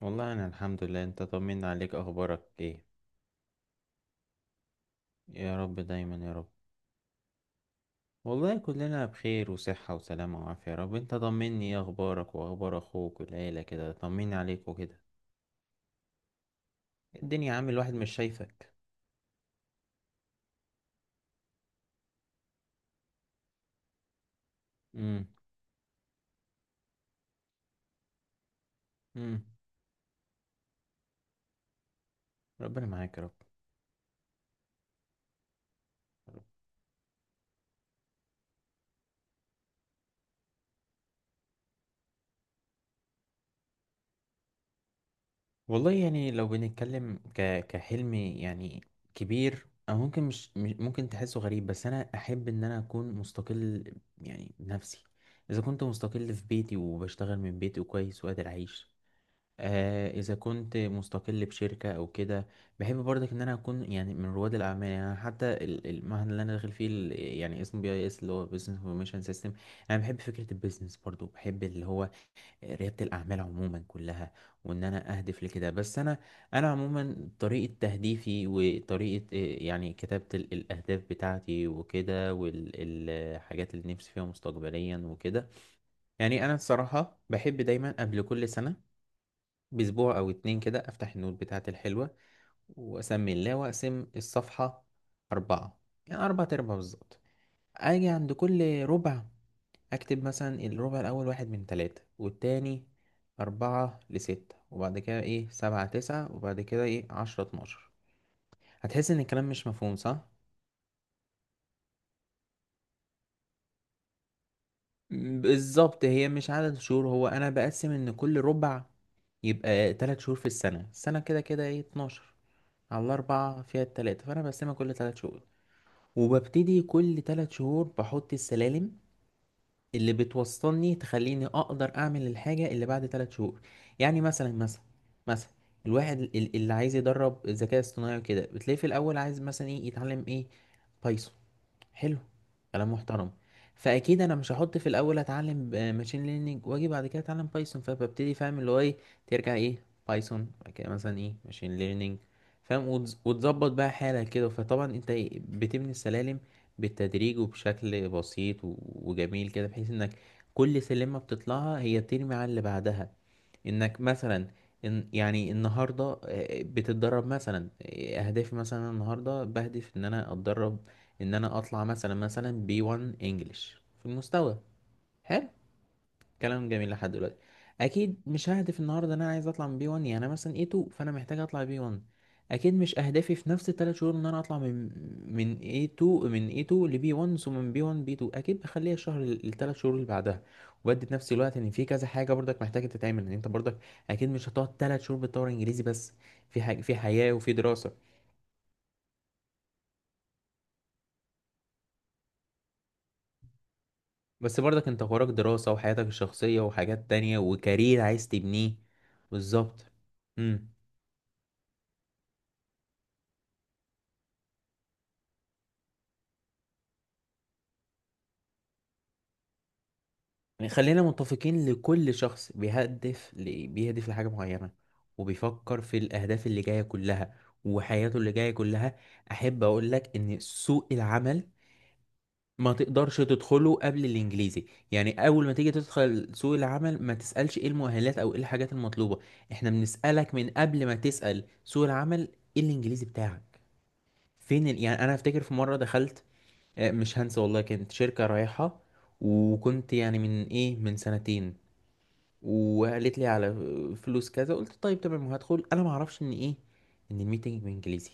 والله انا الحمد لله. انت طمنا عليك، اخبارك ايه؟ يا رب دايما يا رب. والله كلنا بخير وصحة وسلامة وعافية يا رب. انت طمني، ايه اخبارك واخبار اخوك والعيلة؟ كده طمني عليك وكده. الدنيا، عامل الواحد مش شايفك. امم امم ربنا معاك يا رب. والله لو بنتكلم كحلم يعني كبير، او ممكن ممكن تحسه غريب، بس انا احب ان انا اكون مستقل يعني بنفسي. اذا كنت مستقل في بيتي وبشتغل من بيتي وكويس وقادر اعيش. اذا كنت مستقل بشركه او كده. بحب برضك ان انا اكون يعني من رواد الاعمال. يعني أنا حتى المهن اللي انا داخل فيه يعني اسمه بي اي اس، اللي هو بزنس انفورميشن سيستم. انا بحب فكره البيزنس برضو، بحب اللي هو رياده الاعمال عموما كلها، وان انا اهدف لكده. بس انا انا عموما طريقه تهديفي وطريقه يعني كتابه الاهداف بتاعتي وكده، والحاجات اللي نفسي فيها مستقبليا وكده، يعني انا الصراحه بحب دايما قبل كل سنه بأسبوع أو اتنين كده أفتح النوت بتاعتي الحلوة، وأسمي الله وأقسم الصفحة أربعة، يعني أربعة أرباع بالظبط. أجي عند كل ربع أكتب مثلا الربع الأول واحد من تلاتة، والتاني أربعة لستة، وبعد كده إيه سبعة تسعة، وبعد كده إيه عشرة اتناشر. هتحس إن الكلام مش مفهوم صح؟ بالظبط، هي مش عدد شهور، هو أنا بقسم إن كل ربع يبقى تلات شهور في السنة. السنة كده كده إيه اتناشر، على الأربعة فيها التلاتة، فأنا بقسمها كل تلات شهور. وببتدي كل تلات شهور بحط السلالم اللي بتوصلني تخليني اقدر اعمل الحاجة اللي بعد تلات شهور. يعني مثلا، الواحد اللي عايز يدرب الذكاء الاصطناعي وكده، بتلاقيه في الاول عايز مثلا ايه، يتعلم ايه؟ بايثون. حلو، كلام محترم. فاكيد انا مش هحط في الاول اتعلم ماشين ليرنينج واجي بعد كده اتعلم بايثون. فببتدي فاهم اللي هو ايه، ترجع ايه؟ بايثون، بعد كده مثلا ايه، ماشين ليرنينج. فاهم؟ وتظبط بقى حالك كده. فطبعا انت إيه، بتبني السلالم بالتدريج وبشكل بسيط وجميل كده، بحيث انك كل سلمة بتطلعها هي بترمي على اللي بعدها. انك مثلا إن يعني النهارده بتتدرب مثلا، اهدافي مثلا النهارده بهدف ان انا اتدرب ان انا اطلع مثلا بي 1 انجلش في المستوى. حلو، كلام جميل لحد دلوقتي. اكيد مش ههدف النهارده ان انا عايز اطلع من بي 1، يعني انا مثلا اي 2 فانا محتاج اطلع بي 1. اكيد مش اهدافي في نفس الثلاث شهور ان انا اطلع من اي 2، من اي 2 لبي 1، ثم من بي 1 بي 2، اكيد بخليها الشهر الثلاث شهور اللي بعدها. وبدي في نفس الوقت ان في كذا حاجه برضك محتاجه تتعمل، ان انت برضك اكيد مش هتقعد ثلاث شهور بتطور انجليزي بس. في حاجه في حياه وفي دراسه، بس برضك انت وراك دراسه وحياتك الشخصيه وحاجات تانية وكارير عايز تبنيه. بالظبط. إمم. يعني خلينا متفقين، لكل شخص بيهدف بيهدف لحاجة معينة، وبيفكر في الأهداف اللي جاية كلها وحياته اللي جاية كلها. أحب أقول لك إن سوق العمل ما تقدرش تدخله قبل الإنجليزي. يعني أول ما تيجي تدخل سوق العمل ما تسألش إيه المؤهلات أو إيه الحاجات المطلوبة، إحنا بنسألك من قبل ما تسأل سوق العمل، إيه الإنجليزي بتاعك. فين يعني أنا أفتكر في مرة دخلت، مش هنسى والله، كانت شركة رايحة، وكنت يعني من إيه، من سنتين. وقالت لي على فلوس كذا، قلت طيب تمام وهدخل. انا ما اعرفش ان ايه، ان الميتنج بانجليزي.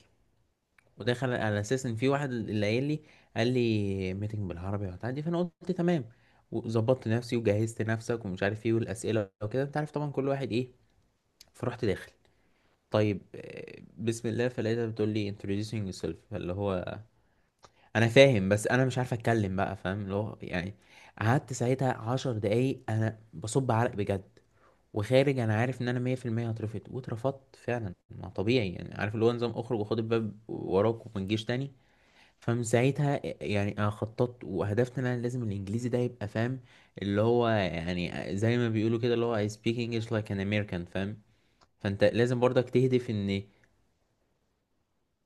وداخل على اساس ان في واحد اللي قايل لي، قال لي ميتنج بالعربي وبتاع دي، فانا قلت تمام. وظبطت نفسي وجهزت نفسك ومش عارف ايه، والاسئله وكده، انت عارف طبعا كل واحد ايه. فرحت داخل. طيب، بسم الله. فلقيتها بتقول لي introducing yourself، فاللي هو انا فاهم، بس انا مش عارف اتكلم بقى، فاهم اللي هو يعني. قعدت ساعتها عشر دقايق انا بصب عرق بجد. وخارج انا عارف ان انا 100% هترفض، واترفضت فعلا. ما طبيعي يعني، عارف اللي هو نظام اخرج وخد الباب وراك وما تجيش تاني. فمن ساعتها يعني انا خططت وهدفت ان انا لازم الانجليزي ده يبقى فاهم، اللي هو يعني زي ما بيقولوا كده اللي هو I speak English like an American، فاهم. فانت لازم برضك تهدف ان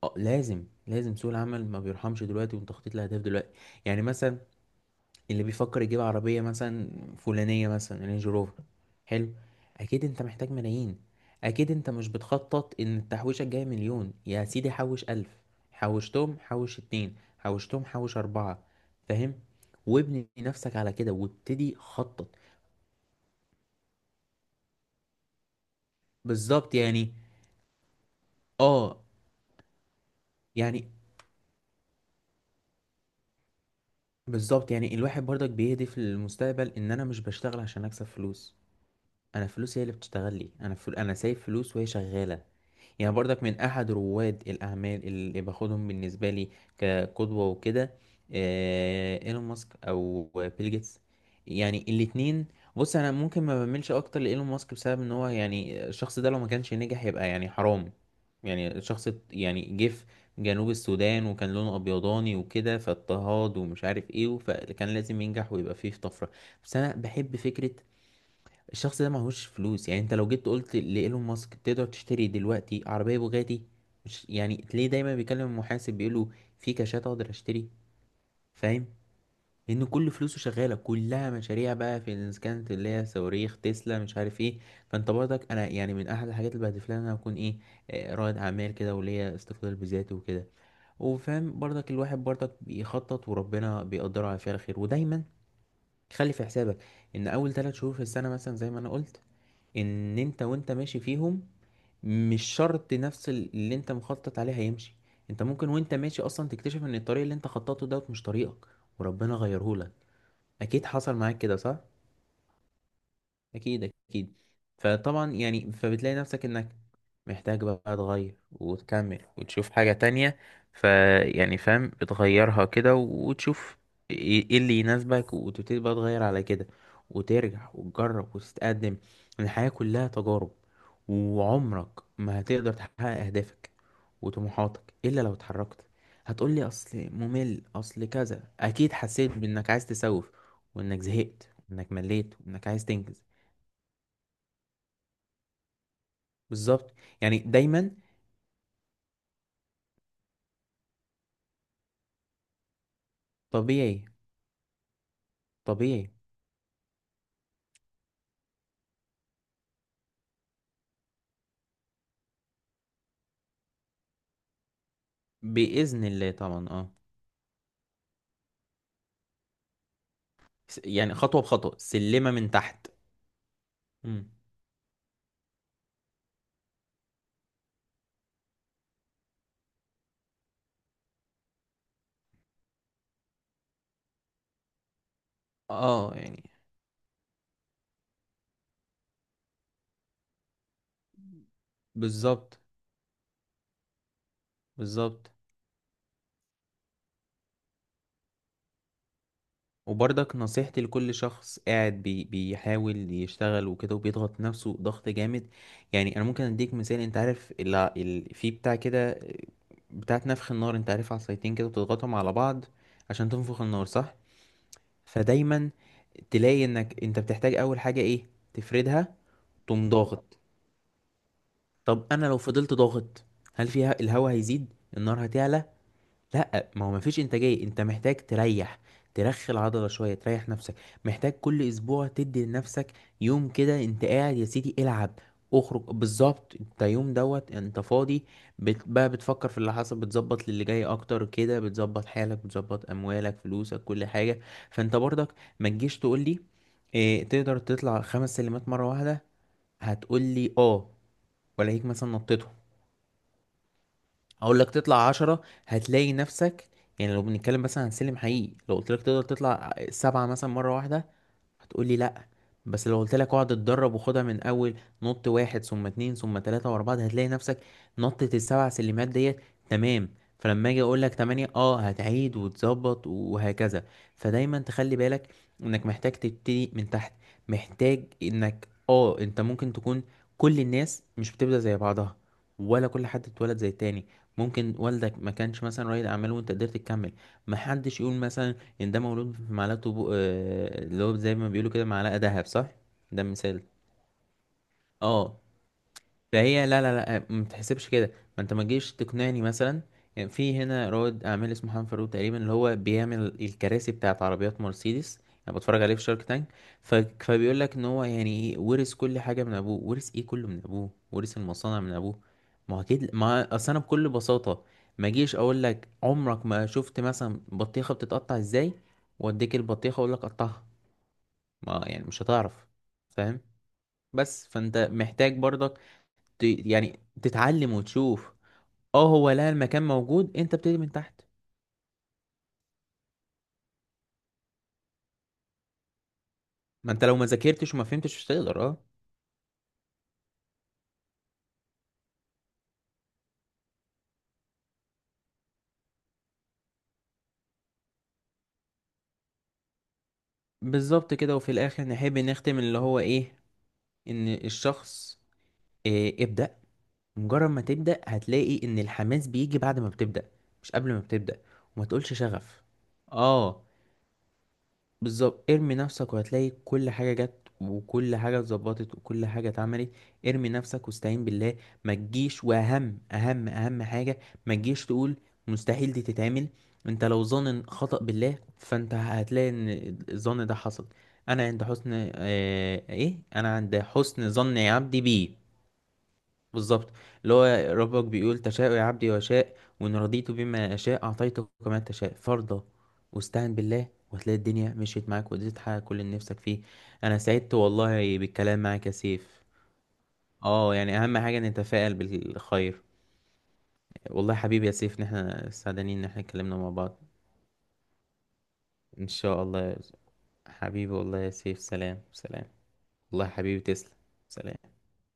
اه، لازم سوق العمل ما بيرحمش دلوقتي، وانت خطيت لاهداف دلوقتي. يعني مثلا اللي بيفكر يجيب عربية مثلا فلانية، مثلا رينج روفر، حلو. أكيد أنت محتاج ملايين. أكيد أنت مش بتخطط إن التحويشة الجاية مليون، يا سيدي حوش ألف، حوشتهم حوش اتنين، حوشتهم حوش أربعة، فاهم؟ وابني نفسك على كده وابتدي خطط. بالظبط يعني، اه يعني بالظبط، يعني الواحد برضك بيهدف للمستقبل ان انا مش بشتغل عشان اكسب فلوس، انا فلوس هي اللي بتشتغل لي. انا انا سايب فلوس وهي شغالة. يعني برضك من أحد رواد الأعمال اللي باخدهم بالنسبة لي كقدوة وكده، إيلون ماسك أو بيل جيتس، يعني الاتنين. بص، أنا ممكن ما بميلش أكتر لإيلون ماسك بسبب إن هو يعني الشخص ده لو ما كانش نجح يبقى يعني حرام. يعني الشخص يعني جه في جنوب السودان وكان لونه أبيضاني وكده، فاضطهاد ومش عارف إيه، فكان لازم ينجح ويبقى فيه في طفرة. بس أنا بحب فكرة الشخص ده معهوش فلوس. يعني انت لو جيت قلت لإيلون ماسك تقدر تشتري دلوقتي عربية بوجاتي، مش يعني تلاقيه دايما بيكلم المحاسب بيقوله في كاشات اقدر اشتري، فاهم؟ لان كل فلوسه شغالة، كلها مشاريع بقى في، إذا كانت اللي هي صواريخ تسلا مش عارف ايه. فانت برضك، انا يعني من احد الحاجات اللي بهدف لها ان انا اكون ايه، رائد اعمال كده وليا استقلال بذاتي وكده. وفاهم برضك الواحد برضك بيخطط، وربنا بيقدره على فعل خير. ودايما خلي في حسابك ان اول ثلاث شهور في السنة مثلا زي ما انا قلت، ان انت وانت ماشي فيهم مش شرط نفس اللي انت مخطط عليه هيمشي. انت ممكن وانت ماشي اصلا تكتشف ان الطريق اللي انت خططته دوت مش طريقك، وربنا غيرهولك. اكيد حصل معاك كده صح؟ اكيد، فطبعا يعني فبتلاقي نفسك انك محتاج بقى تغير وتكمل وتشوف حاجة تانية. فيعني فاهم بتغيرها كده وتشوف إيه اللي يناسبك، وتبتدي بقى تغير على كده، وترجع وتجرب وتتقدم. الحياة كلها تجارب، وعمرك ما هتقدر تحقق اهدافك وطموحاتك الا لو اتحركت. هتقولي اصل ممل، اصل كذا، اكيد حسيت بانك عايز تسوف، وانك زهقت وانك مليت وانك عايز تنجز. بالظبط يعني دايما. طبيعي، طبيعي، بإذن الله طبعا. اه، يعني خطوة بخطوة، سلمة من تحت. مم. اه يعني بالظبط، بالظبط. وبرضك نصيحتي لكل شخص قاعد بي بيحاول يشتغل وكده وبيضغط نفسه ضغط جامد، يعني انا ممكن اديك مثال. انت عارف في بتاع كده، بتاعت نفخ النار، انت عارف عصايتين كده بتضغطهم على بعض عشان تنفخ النار صح؟ فدايما تلاقي انك انت بتحتاج اول حاجة ايه، تفردها. تقوم ضاغط. طب انا لو فضلت ضاغط، هل فيها الهواء هيزيد، النار هتعلى؟ لا ما هو مفيش انتاجيه، انت محتاج تريح، ترخي العضله شويه، تريح نفسك. محتاج كل اسبوع تدي لنفسك يوم كده، انت قاعد يا سيدي العب، اخرج. بالظبط، انت يوم دوت انت فاضي. بقى بتفكر في اللي حصل، بتظبط للي جاي اكتر كده، بتظبط حالك، بتظبط اموالك فلوسك كل حاجه. فانت برضك ما تجيش تقول لي إيه، تقدر تطلع خمس سلمات مره واحده، هتقول لي اه ولا هيك. مثلا نطيتهم، اقول لك تطلع عشرة، هتلاقي نفسك. يعني لو بنتكلم مثلا عن سلم حقيقي، لو قلت لك تقدر تطلع سبعة مثلا مرة واحدة، هتقولي لأ. بس لو قلت لك اقعد اتدرب وخدها من اول، نط واحد ثم اتنين ثم تلاتة واربعة، هتلاقي نفسك نطة السبع سلمات ديت، تمام. فلما اجي اقول لك تمانية اه هتعيد وتظبط، وهكذا. فدايما تخلي بالك انك محتاج تبتدي من تحت، محتاج انك اه انت ممكن تكون. كل الناس مش بتبدأ زي بعضها، ولا كل حد اتولد زي التاني. ممكن والدك ما كانش مثلا رائد اعمال وانت قدرت تكمل. محدش يقول مثلا يعني ده مولود في اللي هو زي ما بيقولوا كده معلقة ذهب، صح؟ ده مثال. اه فهي لا لا لا ما تحسبش كده. ما انت ما تجيش تقنعني مثلا، يعني في هنا رائد اعمال اسمه حنان فاروق تقريبا، اللي هو بيعمل الكراسي بتاعت عربيات مرسيدس. انا بتفرج عليه في شارك تانك. ف... فبيقول لك ان هو يعني ايه ورث كل حاجه من ابوه، ورث ايه كله من ابوه، ورث المصانع من ابوه. ما هو اكيد، ما اصل انا بكل بساطه ما اجيش اقول لك عمرك ما شفت مثلا بطيخه بتتقطع ازاي، واديك البطيخه اقول لك قطعها، ما يعني مش هتعرف، فاهم؟ بس فانت محتاج برضك يعني تتعلم وتشوف. اه هو لا، المكان موجود، انت بتبتدي من تحت. ما انت لو ما ذاكرتش وما فهمتش مش هتقدر اه. بالظبط كده. وفي الاخر نحب نختم اللي هو ايه، ان الشخص إيه، ابدأ. مجرد ما تبدأ هتلاقي ان الحماس بيجي بعد ما بتبدأ، مش قبل ما بتبدأ. وما تقولش شغف. اه بالظبط، ارمي نفسك وهتلاقي كل حاجة جت، وكل حاجة اتظبطت، وكل حاجة اتعملت. ارمي نفسك واستعين بالله. ما تجيش واهم اهم اهم حاجة، ما تجيش تقول مستحيل دي تتعمل. انت لو ظن خطأ بالله فانت هتلاقي ان الظن ده حصل. انا عند حسن اه، ايه، انا عند حسن ظن عبدي بيه. بالظبط، اللي هو ربك بيقول تشاء يا عبدي وشاء، وإن رضيت بما أشاء أعطيتك كما تشاء فرضا. واستعن بالله وهتلاقي الدنيا مشيت معاك وقدرت تحقق كل اللي نفسك فيه. أنا سعدت والله بالكلام معاك يا سيف. اه يعني أهم حاجة نتفائل بالخير. والله حبيبي يا سيف، إن احنا سعدانين إن احنا اتكلمنا مع بعض. إن شاء الله يا حبيبي، والله يا سيف، سلام، سلام. والله يا حبيبي، تسلم، سلام.